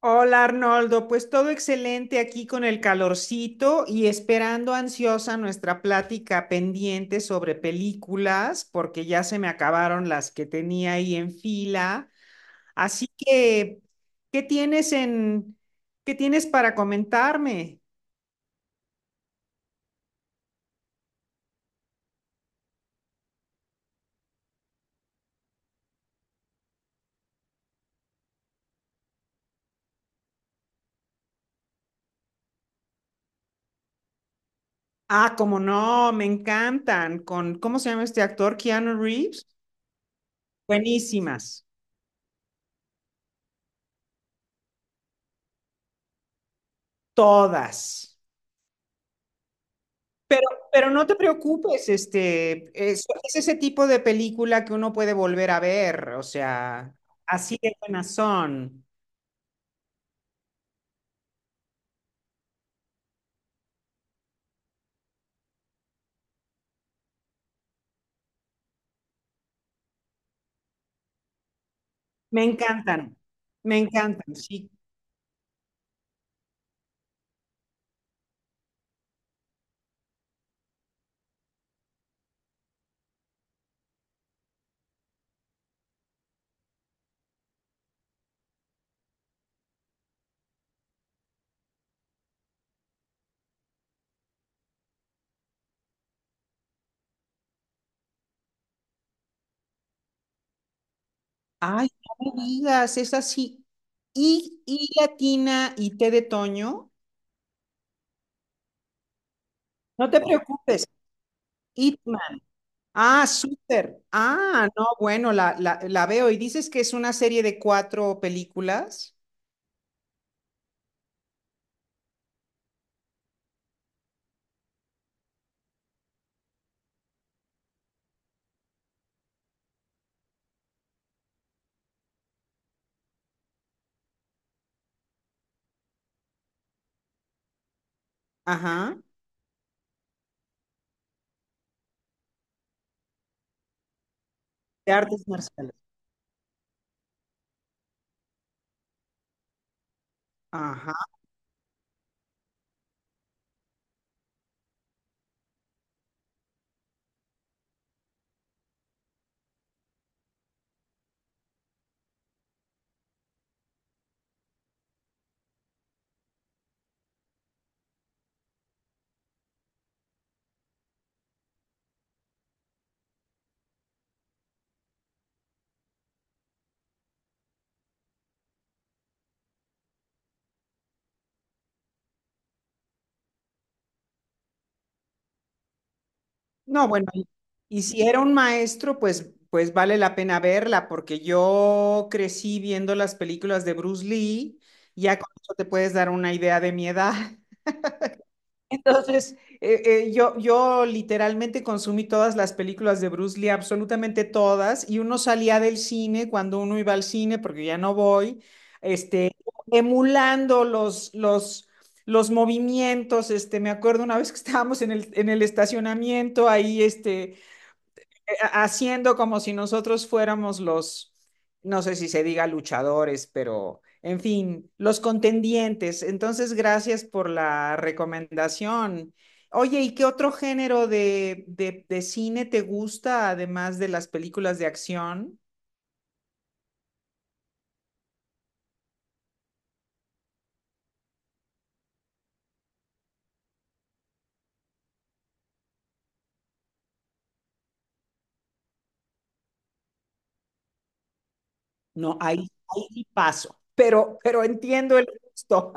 Hola Arnoldo, pues todo excelente aquí con el calorcito y esperando ansiosa nuestra plática pendiente sobre películas, porque ya se me acabaron las que tenía ahí en fila. Así que, ¿qué tienes en, ¿qué tienes para comentarme? Ah, como no, me encantan. ¿Cómo se llama este actor? Keanu Reeves. Buenísimas, todas. Pero, pero no te preocupes, es ese tipo de película que uno puede volver a ver, o sea, así de buenas son. Me encantan, me encantan, sí. Ay, no me digas, es así. Y latina y té de toño, no te preocupes. Hitman. Ah, súper. Ah, no, bueno, la veo. Y dices que es una serie de cuatro películas. Ajá. De artes marciales. Ajá. No, bueno, y si era un maestro, pues, pues vale la pena verla, porque yo crecí viendo las películas de Bruce Lee, ya con eso te puedes dar una idea de mi edad. Entonces, yo literalmente consumí todas las películas de Bruce Lee, absolutamente todas, y uno salía del cine cuando uno iba al cine, porque ya no voy, este, emulando los movimientos, este, me acuerdo una vez que estábamos en en el estacionamiento, ahí, este haciendo como si nosotros fuéramos los, no sé si se diga luchadores, pero en fin, los contendientes. Entonces, gracias por la recomendación. Oye, ¿y qué otro género de cine te gusta, además de las películas de acción? No, ahí, ahí sí paso, pero entiendo el gusto.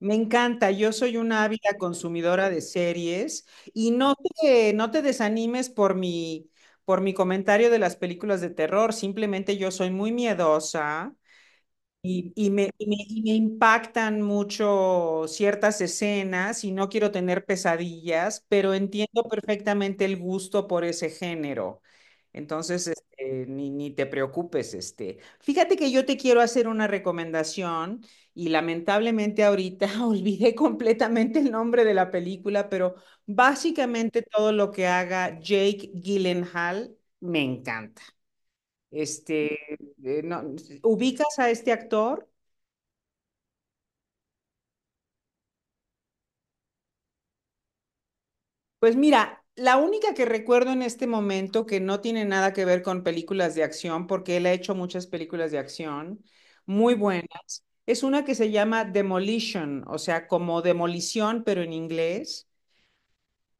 Me encanta, yo soy una ávida consumidora de series y no te desanimes por por mi comentario de las películas de terror, simplemente yo soy muy miedosa y me impactan mucho ciertas escenas y no quiero tener pesadillas, pero entiendo perfectamente el gusto por ese género. Entonces, este, ni te preocupes, este. Fíjate que yo te quiero hacer una recomendación y lamentablemente ahorita olvidé completamente el nombre de la película, pero básicamente todo lo que haga Jake Gyllenhaal me encanta. Este, no, ¿ubicas a este actor? Pues mira, la única que recuerdo en este momento que no tiene nada que ver con películas de acción, porque él ha hecho muchas películas de acción muy buenas, es una que se llama Demolition, o sea, como demolición, pero en inglés.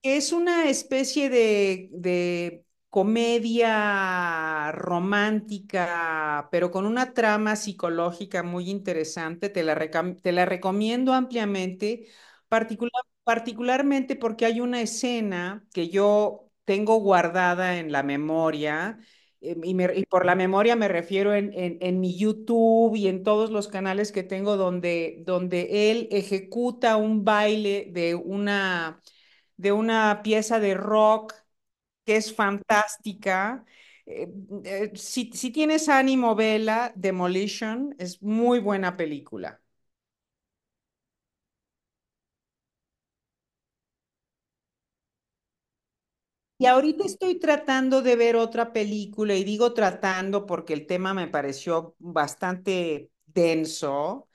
Es una especie de comedia romántica, pero con una trama psicológica muy interesante. Te la recomiendo ampliamente, particularmente porque hay una escena que yo tengo guardada en la memoria, y por la memoria me refiero en mi YouTube y en todos los canales que tengo donde él ejecuta un baile de una pieza de rock que es fantástica. Eh, si tienes ánimo, vela, Demolition es muy buena película. Y ahorita estoy tratando de ver otra película y digo tratando porque el tema me pareció bastante denso.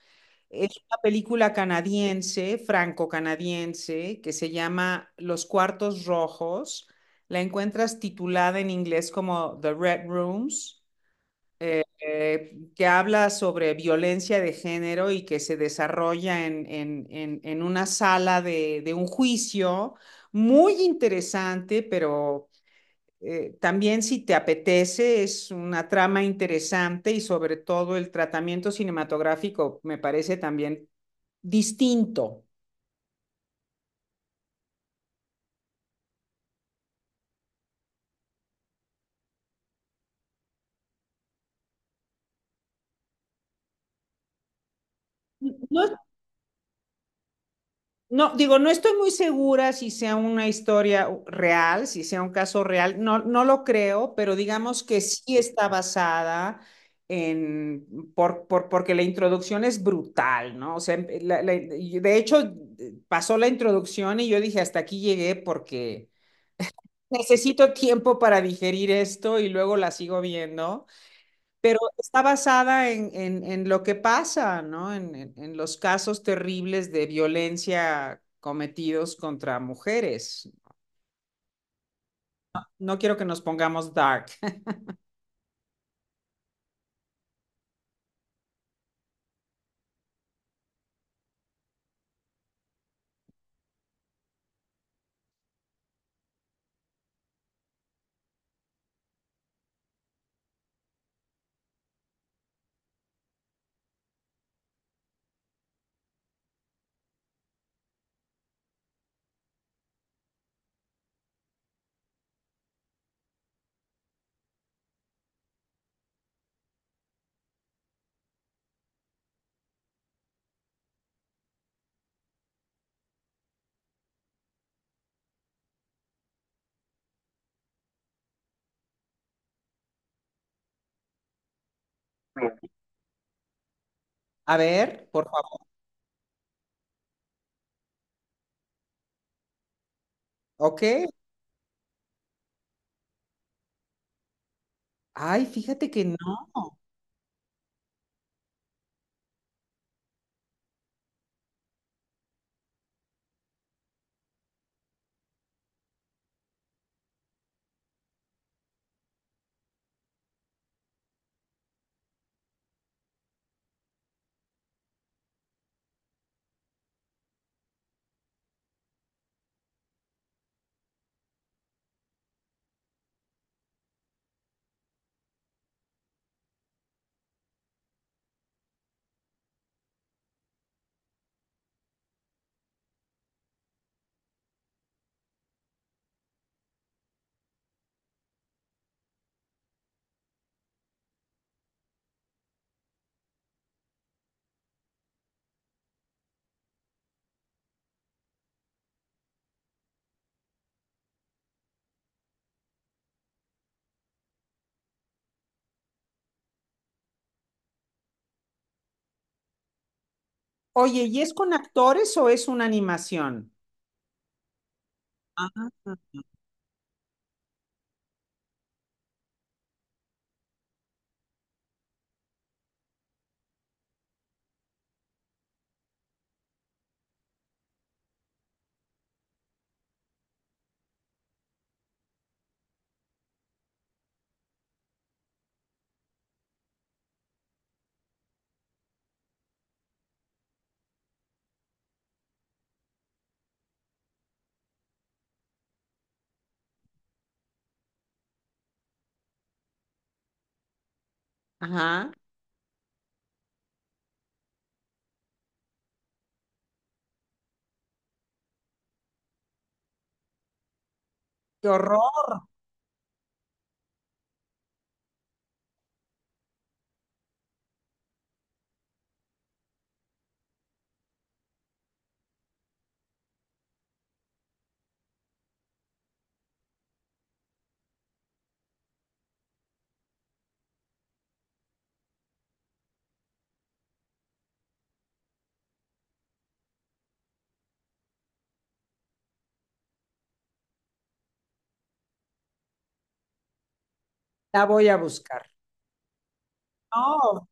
Es una película canadiense, franco-canadiense, que se llama Los Cuartos Rojos. La encuentras titulada en inglés como The Red Rooms, que habla sobre violencia de género y que se desarrolla en una sala de un juicio muy interesante, pero también si te apetece, es una trama interesante y sobre todo el tratamiento cinematográfico me parece también distinto. No, No, digo, no estoy muy segura si sea una historia real, si sea un caso real, no, no lo creo, pero digamos que sí está basada en, porque la introducción es brutal, ¿no? O sea, y de hecho, pasó la introducción y yo dije, hasta aquí llegué porque necesito tiempo para digerir esto y luego la sigo viendo, pero está basada en lo que pasa, ¿no? En los casos terribles de violencia cometidos contra mujeres. No quiero que nos pongamos dark. A ver, por favor. Ok. Ay, fíjate que no. Oye, ¿y es con actores o es una animación? Ah, ajá. Qué horror. La voy a buscar. No,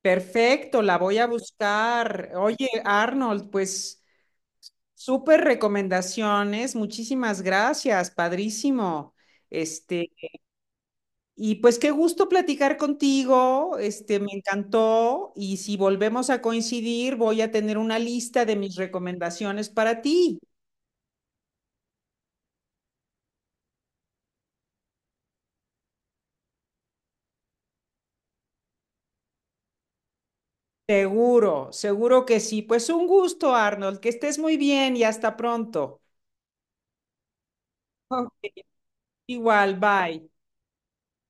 perfecto, la voy a buscar. Oye, Arnold, pues súper recomendaciones, muchísimas gracias, padrísimo. Este, y pues qué gusto platicar contigo, este, me encantó. Y si volvemos a coincidir, voy a tener una lista de mis recomendaciones para ti. Seguro, seguro que sí. Pues un gusto, Arnold, que estés muy bien y hasta pronto. Ok. Igual, bye.